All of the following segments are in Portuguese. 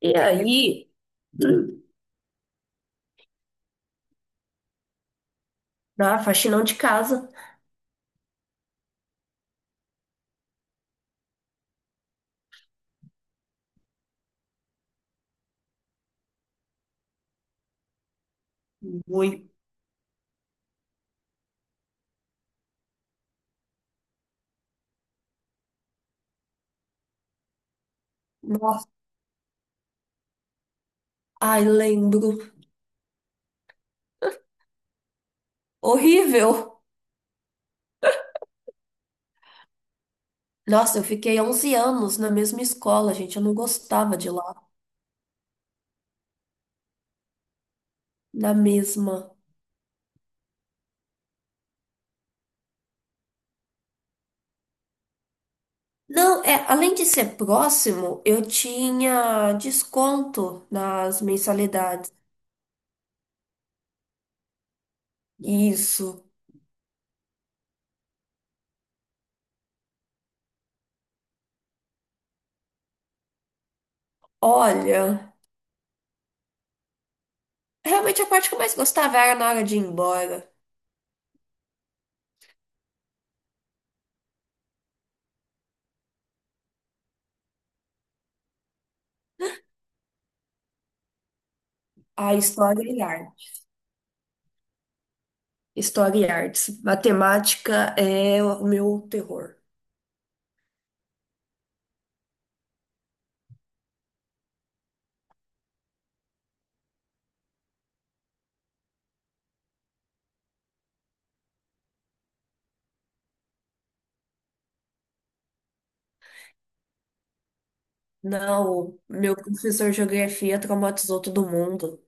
E aí, na faxinão de casa. Nossa, ai, lembro. Horrível. Nossa, eu fiquei 11 anos na mesma escola, gente. Eu não gostava de lá. Na mesma. Não, é, além de ser próximo, eu tinha desconto nas mensalidades. Isso. Olha, realmente a parte que eu mais gostava era na hora de ir embora. A história e arte. História e artes. Matemática é o meu terror. Não, meu professor de geografia traumatizou todo mundo.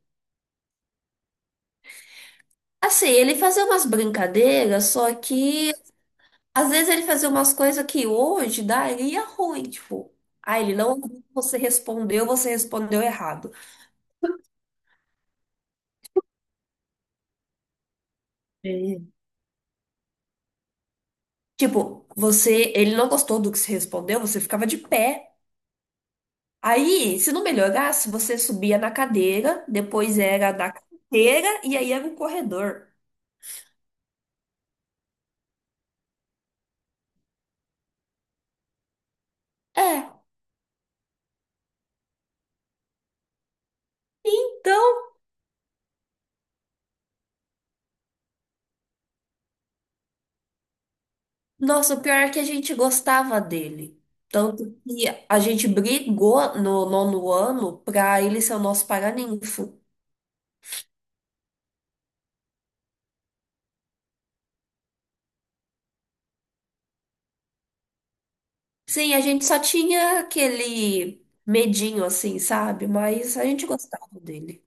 Assim, ele fazia umas brincadeiras, só que às vezes ele fazia umas coisas que hoje daria ruim, tipo, ah, ele não, você respondeu errado. É. Tipo, você, ele não gostou do que você respondeu, você ficava de pé. Aí, se não melhorasse, você subia na cadeira, depois era da cadeira e aí era o corredor. É. Então, nossa, o pior é que a gente gostava dele. Tanto que a gente brigou no nono ano pra ele ser o nosso paraninfo. Sim, a gente só tinha aquele medinho assim, sabe? Mas a gente gostava dele.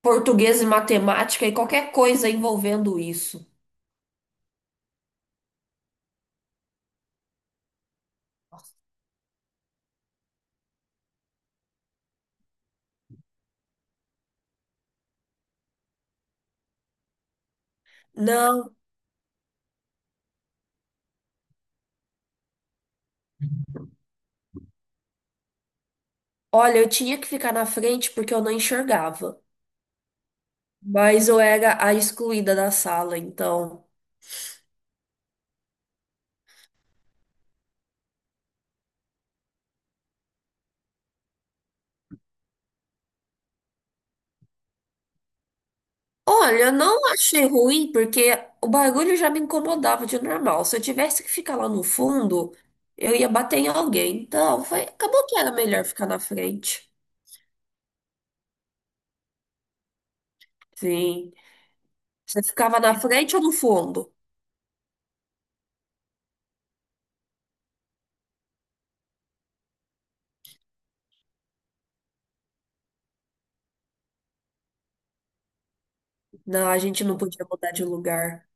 Português e matemática e qualquer coisa envolvendo isso. Não, olha, eu tinha que ficar na frente porque eu não enxergava. Mas eu era a excluída da sala, então. Olha, eu não achei ruim porque o barulho já me incomodava de normal. Se eu tivesse que ficar lá no fundo, eu ia bater em alguém. Então, foi, acabou que era melhor ficar na frente. Sim. Você ficava na frente ou no fundo? Não, a gente não podia mudar de lugar.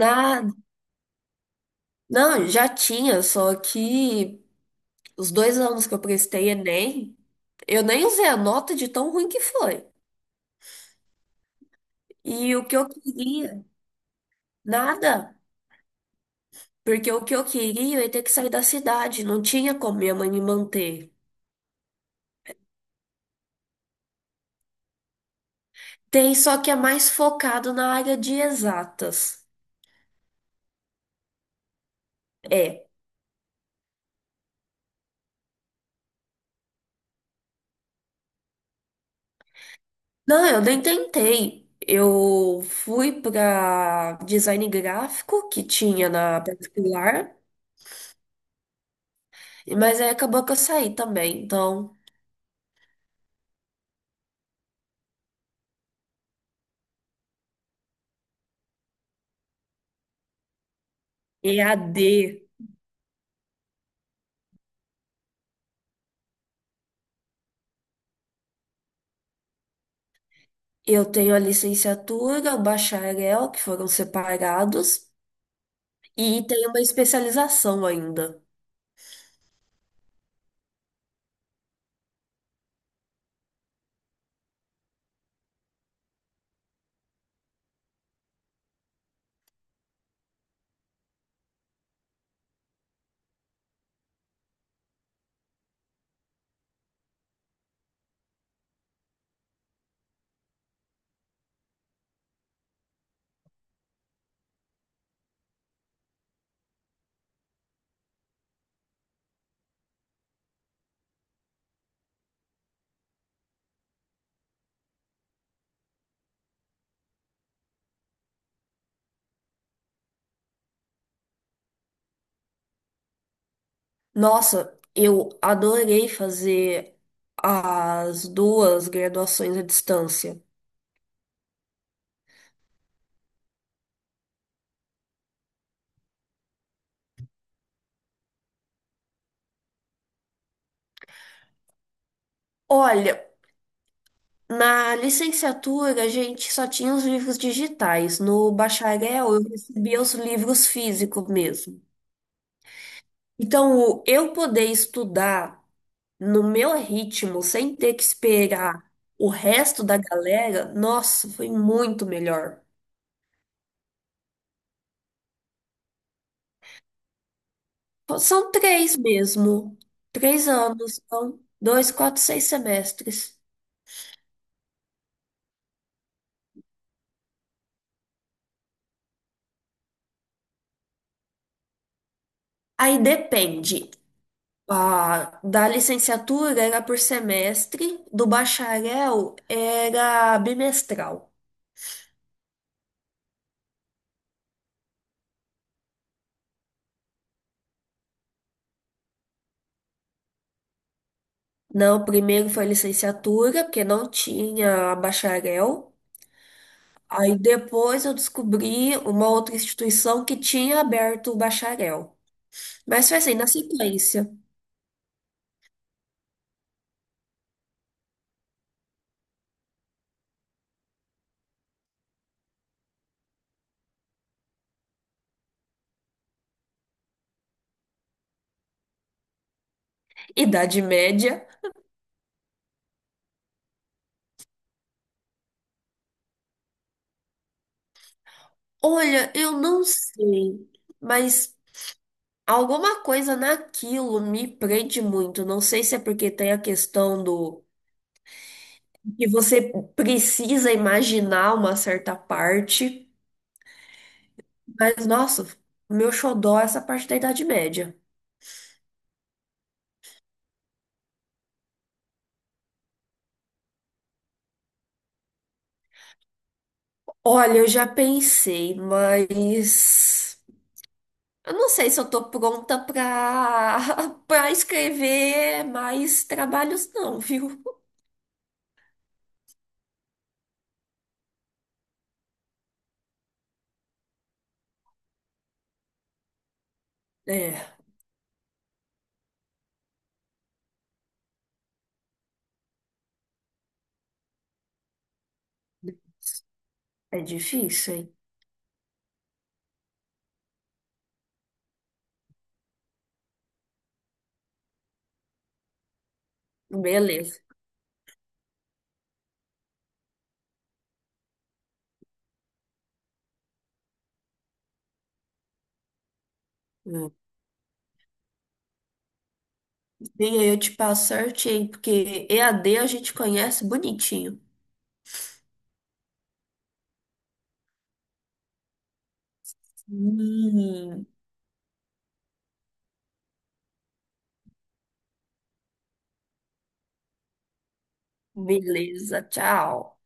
Nada. Não, já tinha, só que os 2 anos que eu prestei Enem, eu nem usei a nota de tão ruim que foi. E o que eu queria, nada. Porque o que eu queria é ter que sair da cidade, não tinha como minha mãe me manter. Tem, só que é mais focado na área de exatas. É. Não, eu nem tentei. Eu fui para design gráfico que tinha na particular, mas aí acabou que eu saí também. Então, EAD, eu tenho a licenciatura, o bacharel, que foram separados, e tenho uma especialização ainda. Nossa, eu adorei fazer as duas graduações à distância. Olha, na licenciatura a gente só tinha os livros digitais, no bacharel eu recebia os livros físicos mesmo. Então, o- eu poder estudar no meu ritmo, sem ter que esperar o resto da galera, nossa, foi muito melhor. São três mesmo, 3 anos, então, dois, quatro, 6 semestres. Aí depende. Ah, da licenciatura era por semestre, do bacharel era bimestral. Não, primeiro foi licenciatura, porque não tinha bacharel. Aí depois eu descobri uma outra instituição que tinha aberto o bacharel. Mas foi assim, na sequência. Idade média. Olha, eu não sei, mas alguma coisa naquilo me prende muito. Não sei se é porque tem a questão do e você precisa imaginar uma certa parte, mas nossa, o meu xodó é essa parte da Idade Média. Olha, eu já pensei, mas eu não sei se eu tô pronta pra para escrever mais trabalhos não, viu? É, é difícil, hein? Beleza. Hum. Sim, aí eu te passo certinho, porque EAD a D a gente conhece bonitinho. Hum, beleza, tchau.